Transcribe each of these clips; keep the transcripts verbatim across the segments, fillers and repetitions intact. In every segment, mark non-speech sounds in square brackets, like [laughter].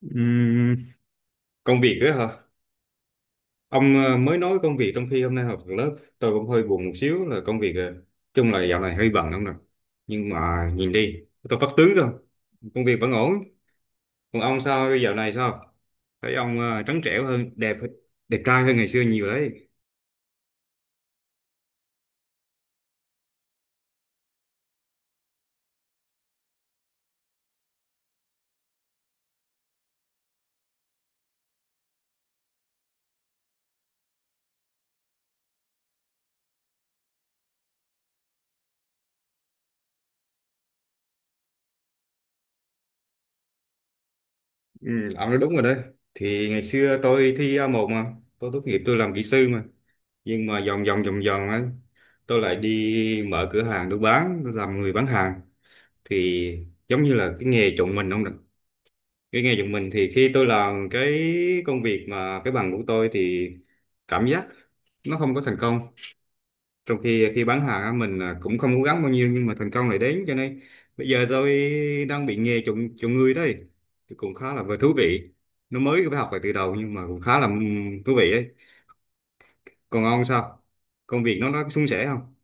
Ừm, Công việc đó hả? Ông ờ, mới nói công việc trong khi hôm nay học lớp tôi cũng hơi buồn một xíu là công việc ờ, chung là dạo này hơi bận không nè. Nhưng mà nhìn đi, tôi phát tướng không? Công việc vẫn ổn. Còn ông sao dạo này sao? Thấy ông ờ, trắng trẻo hơn, đẹp đẹp trai hơn ngày xưa nhiều đấy. Ừ, ông nói đúng rồi đấy. Thì ngày xưa tôi thi a một mà, tôi tốt nghiệp tôi làm kỹ sư mà. Nhưng mà vòng vòng vòng vòng ấy, tôi lại đi mở cửa hàng tôi bán, tôi làm người bán hàng thì giống như là cái nghề chọn mình không được, cái nghề chọn mình thì khi tôi làm cái công việc mà cái bằng của tôi thì cảm giác nó không có thành công, trong khi khi bán hàng á, mình à, cũng không cố gắng bao nhiêu nhưng mà thành công lại đến, cho nên bây giờ tôi đang bị nghề chọn chọn người đấy, thì cũng khá là vừa thú vị, nó mới phải học lại từ đầu nhưng mà cũng khá là ừm, thú vị ấy. Còn ông sao, công việc nó nó suôn sẻ không?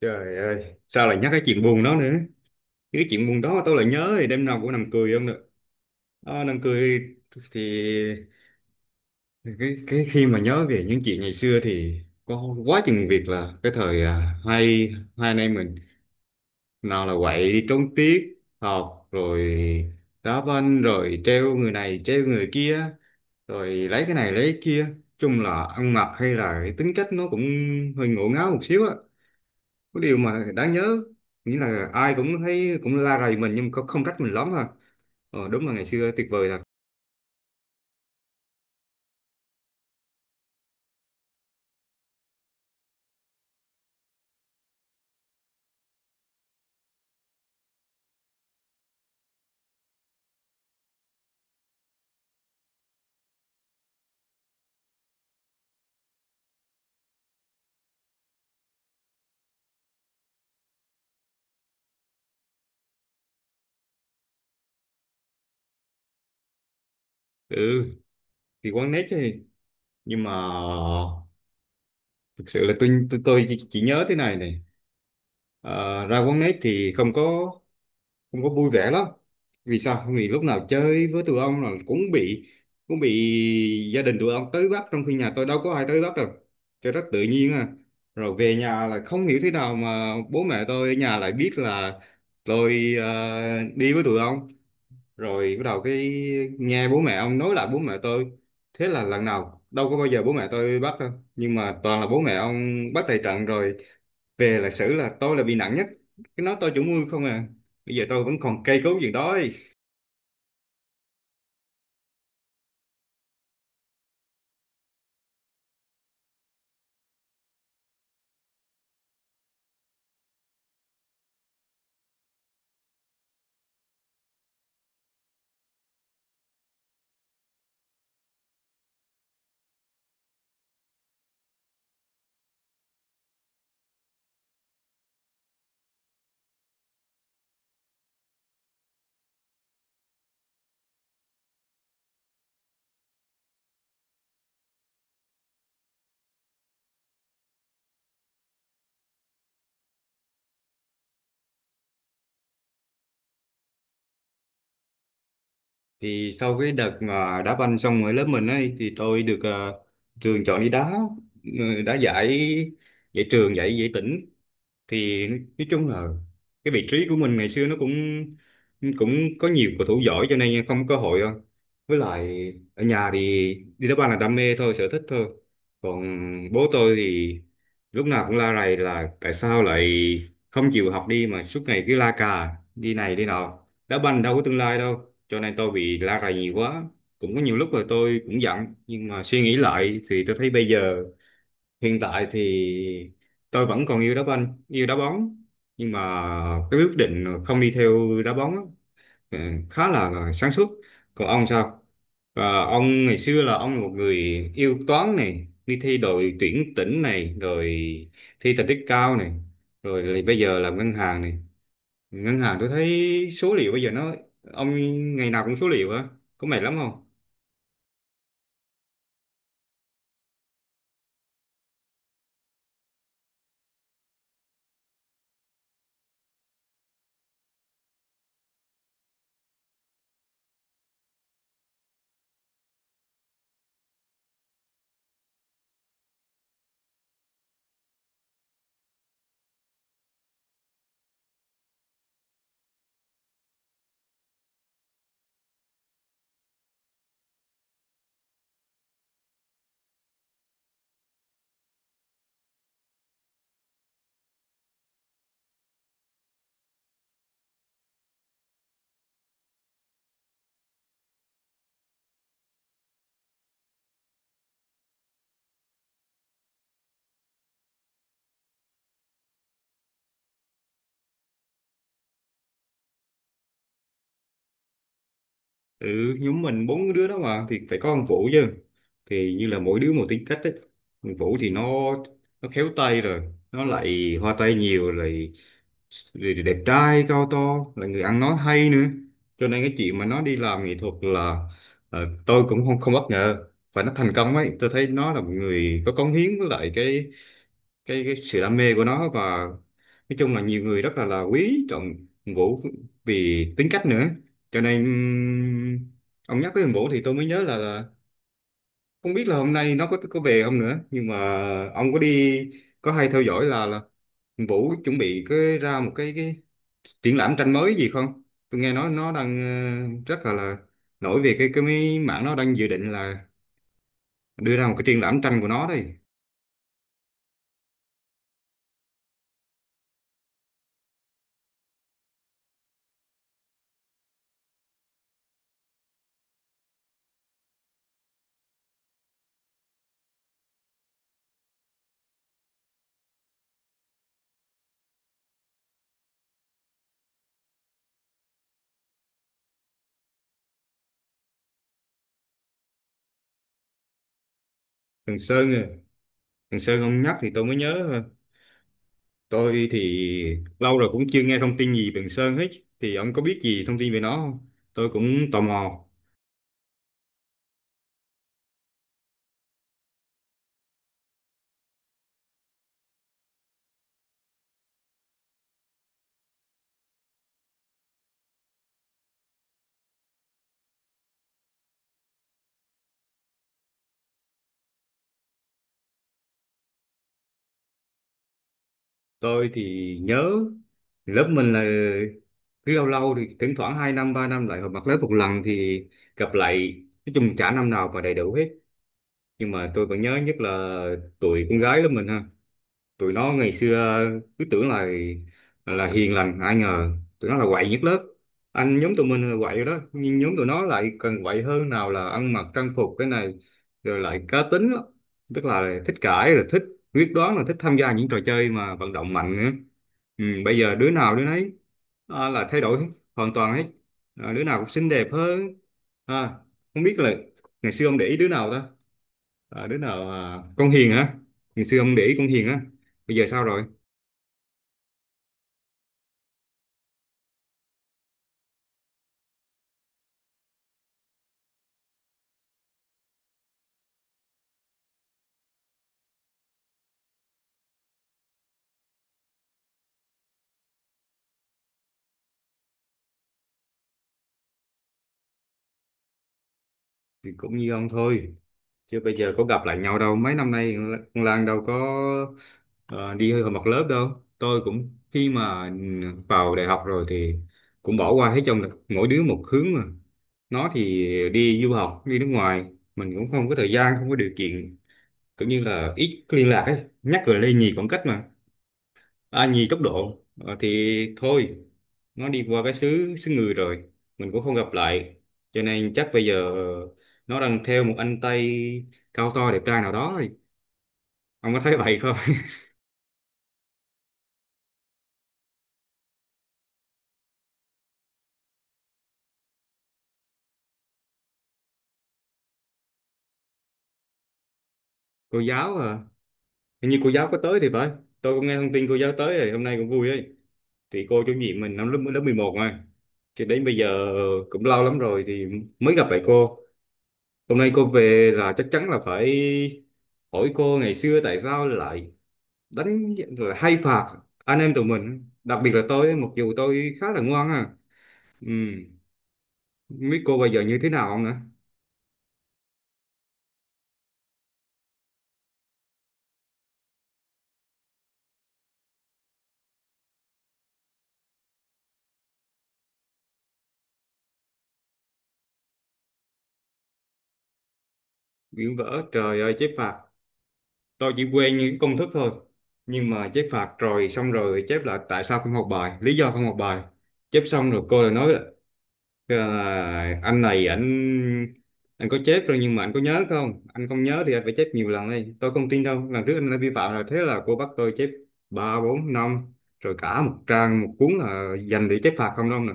Trời ơi, sao lại nhắc cái chuyện buồn đó nữa, cái chuyện buồn đó tôi lại nhớ thì đêm nào cũng nằm cười không được. Ờ, năm cười thì cái cái khi mà nhớ về những chuyện ngày xưa thì có quá chừng việc, là cái thời à, hai hai anh em mình nào là quậy đi trốn tiết học rồi đá banh rồi treo người này treo người kia rồi lấy cái này lấy cái kia, chung là ăn mặc hay là cái tính cách nó cũng hơi ngổ ngáo một xíu á, có điều mà đáng nhớ, nghĩa là ai cũng thấy cũng la rầy mình nhưng mà không không trách mình lắm ha. Ờ, đúng là ngày xưa tuyệt vời thật. Ừ, thì quán nét chứ, nhưng mà thực sự là tôi tôi, tôi chỉ chỉ nhớ thế này này. Ờ, Ra quán nét thì không có không có vui vẻ lắm. Vì sao? Vì lúc nào chơi với tụi ông là cũng bị cũng bị gia đình tụi ông tới bắt, trong khi nhà tôi đâu có ai tới bắt đâu, cho rất tự nhiên à. Rồi về nhà là không hiểu thế nào mà bố mẹ tôi ở nhà lại biết là tôi ờ, đi với tụi ông, rồi bắt đầu cái nghe bố mẹ ông nói lại bố mẹ tôi, thế là lần nào đâu có bao giờ bố mẹ tôi bắt đâu, nhưng mà toàn là bố mẹ ông bắt tại trận, rồi về là xử, là tôi là bị nặng nhất, cái nói tôi chủ mưu không à, bây giờ tôi vẫn còn cây cấu gì đó ấy. Thì sau cái đợt mà đá banh xong ở lớp mình ấy thì tôi được ờ, trường chọn đi đá, ừ, đá giải giải trường giải giải tỉnh, thì nói chung là cái vị trí của mình ngày xưa nó cũng cũng có nhiều cầu thủ giỏi cho nên không có cơ hội. Với lại ở nhà thì đi đá banh là đam mê thôi, sở thích thôi, còn bố tôi thì lúc nào cũng la rầy là tại sao lại không chịu học đi mà suốt ngày cứ la cà đi này đi nọ, đá banh đâu có tương lai đâu, cho nên tôi bị la rầy nhiều quá, cũng có nhiều lúc là tôi cũng giận, nhưng mà suy nghĩ lại thì tôi thấy bây giờ hiện tại thì tôi vẫn còn yêu đá banh yêu đá bóng, nhưng mà cái quyết định không đi theo đá bóng á, Ừ, khá là, là sáng suốt. Còn ông sao? Và ông ngày xưa là ông là một người yêu toán này, đi thi đội tuyển tỉnh này, rồi thi thành tích cao này, rồi lại bây giờ làm ngân hàng này, ngân hàng tôi thấy số liệu bây giờ nó, ông ngày nào cũng số liệu á, có mệt lắm không? Ừ, nhóm mình bốn đứa đó mà thì phải có ông Vũ chứ, thì như là mỗi đứa một tính cách ấy. Ông Vũ thì nó nó khéo tay rồi nó lại hoa tay nhiều rồi, rồi thì đẹp trai cao to, là người ăn nói hay nữa, cho nên cái chuyện mà nó đi làm nghệ thuật là ờ, tôi cũng không không bất ngờ. Và nó thành công ấy, tôi thấy nó là một người có cống hiến, với lại cái cái cái sự đam mê của nó, và nói chung là nhiều người rất là là quý trọng Hùng Vũ, vì tính cách nữa. Cho nên ừm, ông nhắc tới Hùng Vũ thì tôi mới nhớ là, là không biết là hôm nay nó có có về không nữa. Nhưng mà ông có đi, có hay theo dõi là là Hùng Vũ chuẩn bị cái ra một cái cái triển lãm tranh mới gì không? Tôi nghe nói nó đang ờ, rất là, là nổi về cái cái mấy mảng, nó đang dự định là đưa ra một cái triển lãm tranh của nó đây. Thằng Sơn, à. Thằng Sơn ông nhắc thì tôi mới nhớ ha. Tôi thì lâu rồi cũng chưa nghe thông tin gì về thằng Sơn hết. Thì ông có biết gì thông tin về nó không? Tôi cũng tò mò. Tôi thì nhớ lớp mình là cứ lâu lâu thì thỉnh thoảng hai năm ba năm lại họp mặt lớp một lần thì gặp lại, nói chung chả năm nào mà đầy đủ hết, nhưng mà tôi vẫn nhớ nhất là tụi con gái lớp mình ha. Tụi nó ngày xưa cứ tưởng là là hiền lành, ai ngờ tụi nó là quậy nhất lớp. Anh nhóm tụi mình là quậy rồi đó, nhưng nhóm tụi nó lại càng quậy hơn, nào là ăn mặc trang phục cái này, rồi lại cá tính lắm, tức là thích cãi rồi thích quyết đoán, là thích tham gia những trò chơi mà vận động mạnh nữa. Ừ, bây giờ đứa nào đứa nấy à, là thay đổi hết, hoàn toàn hết à, đứa nào cũng xinh đẹp hơn à, không biết là ngày xưa ông để ý đứa nào ta, à, đứa nào à, con Hiền hả? Ngày xưa ông để ý con Hiền á, bây giờ sao rồi? Thì cũng như ông thôi, chứ bây giờ có gặp lại nhau đâu mấy năm nay, con Lan đâu có ờ, đi hơi học lớp đâu. Tôi cũng, khi mà vào đại học rồi thì cũng bỏ qua hết trơn, là mỗi đứa một hướng mà, nó thì đi du học đi nước ngoài, mình cũng không có thời gian không có điều kiện, cũng như là ít liên lạc ấy, nhắc rồi lây nhì khoảng cách mà, à, nhì tốc độ. Ờ, thì thôi, nó đi qua cái xứ xứ người rồi, mình cũng không gặp lại, cho nên chắc bây giờ nó đang theo một anh Tây cao to đẹp trai nào đó rồi, ông có thấy vậy không? [laughs] Cô giáo à, hình như cô giáo có tới thì phải, tôi cũng nghe thông tin cô giáo tới rồi, hôm nay cũng vui ấy. Thì cô chủ nhiệm mình năm lớp lớp mười một mà, thì đến bây giờ cũng lâu lắm rồi thì mới gặp lại cô, hôm nay cô về là chắc chắn là phải hỏi cô ngày xưa tại sao lại đánh rồi hay phạt anh em tụi mình, đặc biệt là tôi, mặc dù tôi khá là ngoan à. Ừ. Không biết cô bây giờ như thế nào nữa. Biển vỡ, trời ơi chép phạt, tôi chỉ quen những công thức thôi, nhưng mà chép phạt rồi xong rồi chép lại, tại sao không học bài, lý do không học bài, chép xong rồi cô lại nói, Ờ, anh này, anh anh có chết rồi nhưng mà anh có nhớ không, anh không nhớ thì anh phải chép nhiều lần đây, tôi không tin đâu, lần trước anh đã vi phạm rồi, thế là cô bắt tôi chép ba bốn năm, rồi cả một trang một cuốn là dành để chép phạt không đâu nè.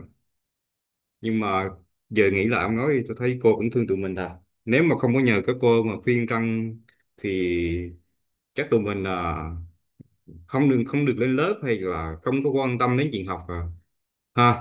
Nhưng mà giờ nghĩ lại ông nói thì tôi thấy cô cũng thương tụi mình à, nếu mà không có nhờ các cô mà khuyên răn thì chắc tụi mình là không được không được lên lớp, hay là không có quan tâm đến chuyện học à, ha.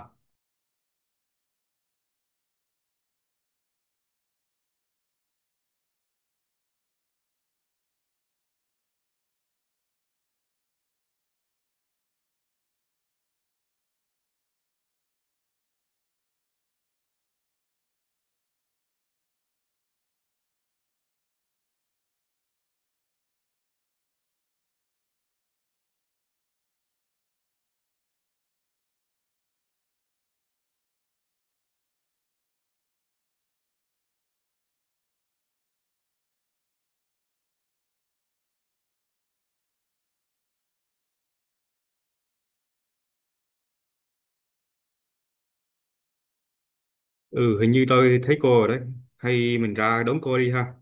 Ừ, hình như tôi thấy cô rồi đấy, hay mình ra đón cô đi ha.